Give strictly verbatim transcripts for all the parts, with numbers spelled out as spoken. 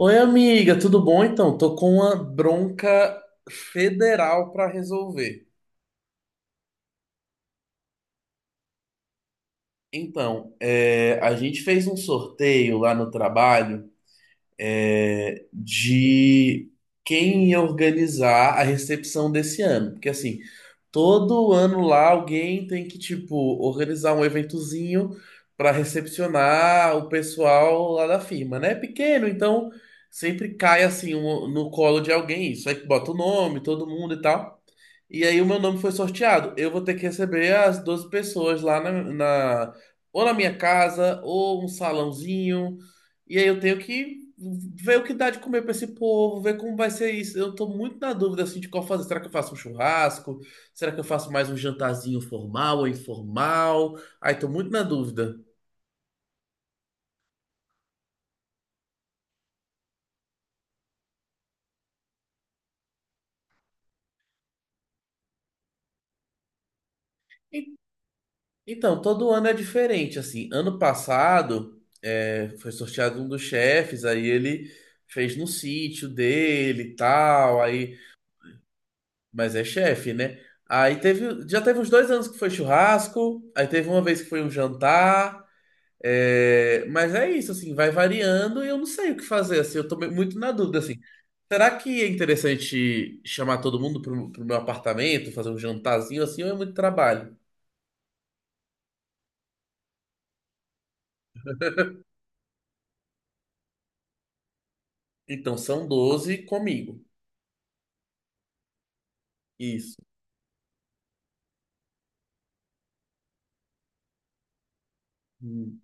Oi, amiga, tudo bom? Então, tô com uma bronca federal para resolver. Então, é, a gente fez um sorteio lá no trabalho, é, de quem ia organizar a recepção desse ano. Porque, assim, todo ano lá alguém tem que, tipo, organizar um eventozinho para recepcionar o pessoal lá da firma, né? É pequeno, então sempre cai, assim, um- no colo de alguém isso. Aí que bota o nome, todo mundo e tal. E aí o meu nome foi sorteado. Eu vou ter que receber as doze pessoas lá na, na- ou na minha casa, ou um salãozinho, e aí eu tenho que ver o que dá de comer para esse povo, ver como vai ser isso. Eu tô muito na dúvida assim de qual fazer. Será que eu faço um churrasco? Será que eu faço mais um jantarzinho formal ou informal? Aí tô muito na dúvida. E- Então, todo ano é diferente, assim. Ano passado, é, foi sorteado um dos chefes, aí ele fez no sítio dele e tal, aí, mas é chefe, né? Aí teve, já teve uns dois anos que foi churrasco, aí teve uma vez que foi um jantar. É, mas é isso, assim, vai variando e eu não sei o que fazer, assim, eu tô me- muito na dúvida, assim. Será que é interessante chamar todo mundo pro, pro meu apartamento, fazer um jantarzinho, assim, ou é muito trabalho? Então, são doze comigo. Isso. Hum.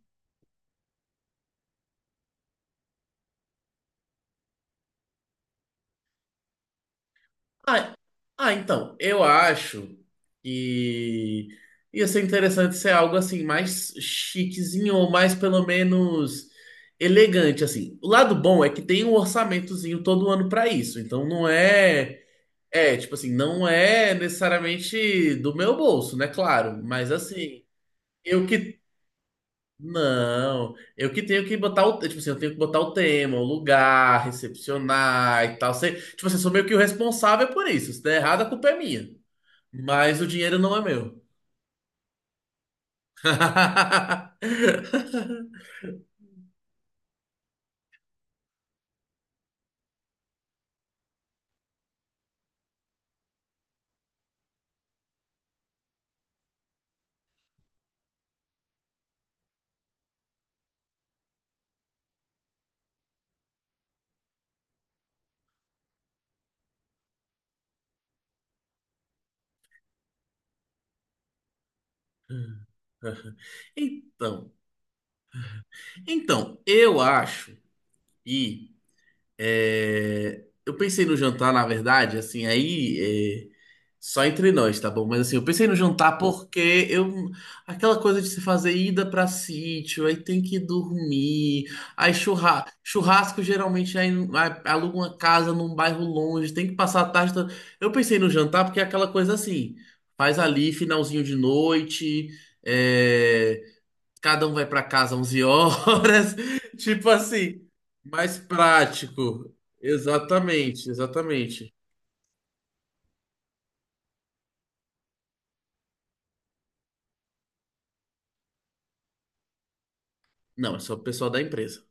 Ah, ah, então, eu acho que ia ser interessante ser algo, assim, mais chiquezinho, ou mais, pelo menos, elegante, assim. O lado bom é que tem um orçamentozinho todo ano para isso, então não é. É, tipo assim, não é necessariamente do meu bolso, né? Claro, mas assim, eu que. Não, eu que tenho que botar o. Tipo assim, eu tenho que botar o tema, o lugar, recepcionar e tal. Sei, tipo assim, eu sou meio que o responsável por isso. Se der errado, a culpa é minha. Mas o dinheiro não é meu. Então, então, eu acho que. É, eu pensei no jantar, na verdade, assim, aí é, só entre nós, tá bom? Mas assim, eu pensei no jantar porque eu aquela coisa de se fazer ida pra sítio, aí tem que dormir, aí churra, churrasco geralmente aí, aí aluga uma casa num bairro longe, tem que passar a tarde. toda- Eu pensei no jantar porque é aquela coisa assim, faz ali finalzinho de noite, é, cada um vai para casa onze horas. Tipo assim, mais prático. Exatamente, exatamente. Não, é só o pessoal da empresa.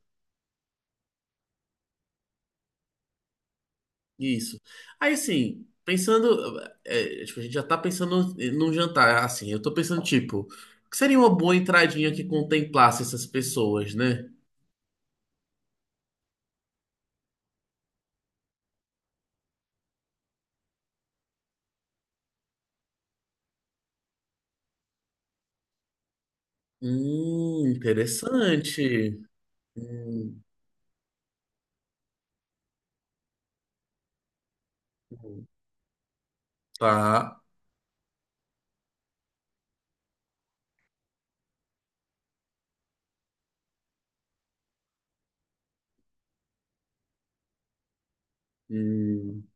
Isso. Aí, assim, pensando, é, tipo, a gente já tá pensando num jantar. Assim, eu tô pensando, tipo, que seria uma boa entradinha que contemplasse essas pessoas, né? Hum, interessante. Hum, hum, tá. Hum,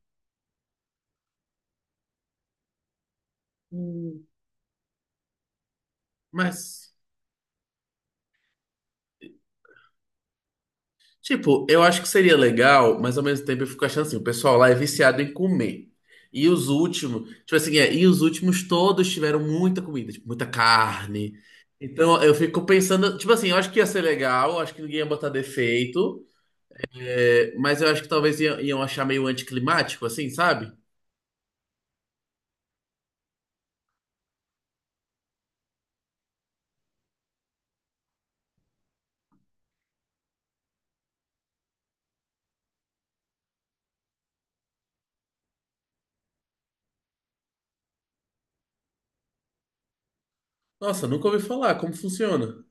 hum, mas. Tipo, eu acho que seria legal, mas ao mesmo tempo eu fico achando assim, o pessoal lá é viciado em comer. E os últimos, tipo assim, é, e os últimos todos tiveram muita comida, tipo, muita carne. Então eu fico pensando, tipo assim, eu acho que ia ser legal, eu acho que ninguém ia botar defeito, é, mas eu acho que talvez iam, iam achar meio anticlimático, assim, sabe? Nossa, nunca ouvi falar, como funciona?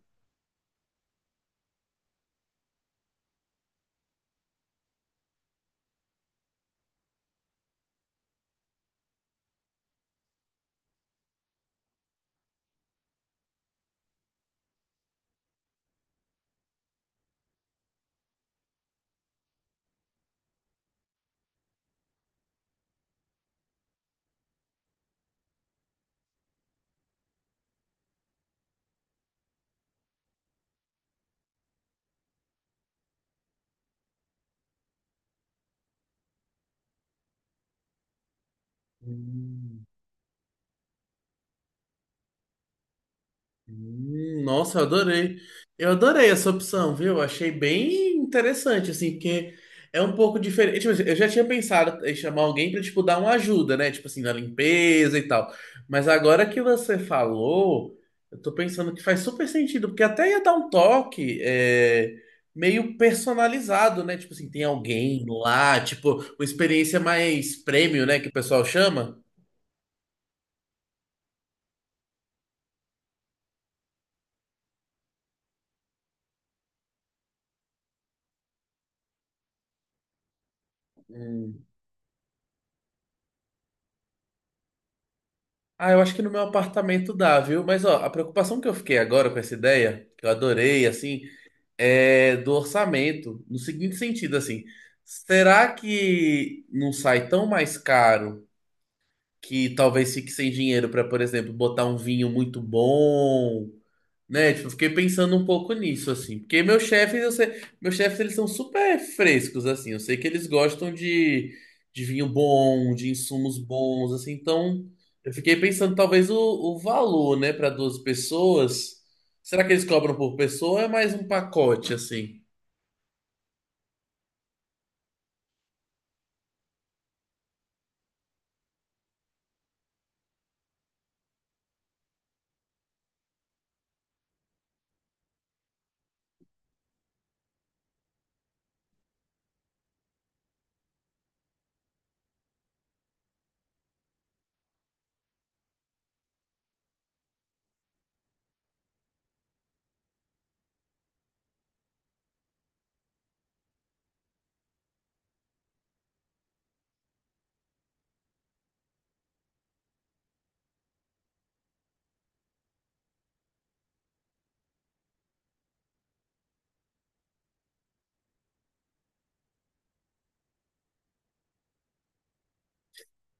Hum. Hum, nossa, eu adorei. Eu adorei essa opção, viu? Achei bem interessante, assim, porque é um pouco diferente. Tipo assim, eu já tinha pensado em chamar alguém pra, tipo, dar uma ajuda, né? Tipo assim, na limpeza e tal. Mas agora que você falou, eu tô pensando que faz super sentido, porque até ia dar um toque é, meio personalizado, né? Tipo assim, tem alguém lá, tipo, uma experiência mais premium, né? Que o pessoal chama. Ah, eu acho que no meu apartamento dá, viu? Mas ó, a preocupação que eu fiquei agora com essa ideia, que eu adorei, assim, é do orçamento, no seguinte sentido, assim, será que não sai tão mais caro que talvez fique sem dinheiro para, por exemplo, botar um vinho muito bom, né, tipo, eu fiquei pensando um pouco nisso, assim. Porque meus chefes, eu sei, meus chefes, eles são super frescos, assim. Eu sei que eles gostam de, de vinho bom, de insumos bons, assim. Então, eu fiquei pensando, talvez, o, o valor, né, para duas pessoas. Será que eles cobram por pessoa ou é mais um pacote, assim?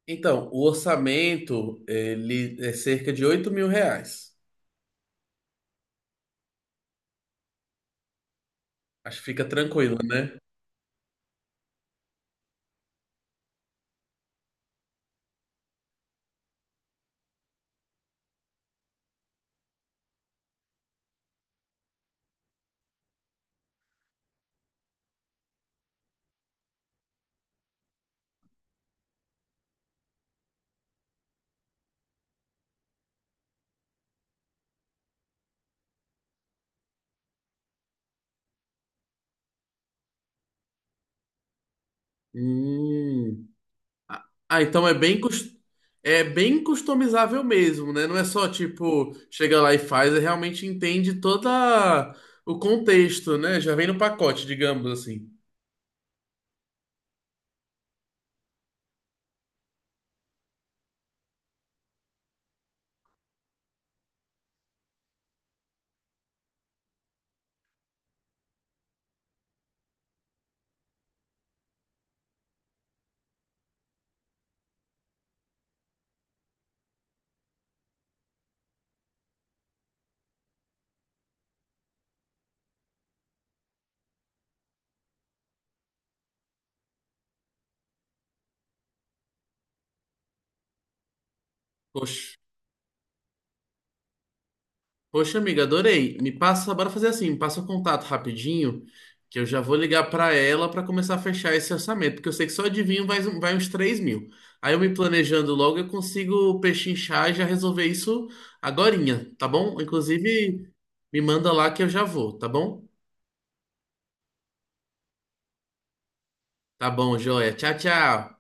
Então, o orçamento, ele é cerca de oito mil reais. Acho que fica tranquilo, né? Hum. Ah, então é bem, cus- é bem customizável mesmo, né? Não é só tipo, chega lá e faz, é realmente entende todo o contexto, né? Já vem no pacote, digamos assim. Poxa, poxa, amiga, adorei. Me passa, bora fazer assim, me passa o contato rapidinho, que eu já vou ligar pra ela pra começar a fechar esse orçamento, porque eu sei que só adivinho vai, vai uns três mil. Aí eu me planejando logo, eu consigo pechinchar e já resolver isso agorinha, tá bom? Inclusive, me manda lá que eu já vou, tá bom? Tá bom, joia. Tchau, tchau.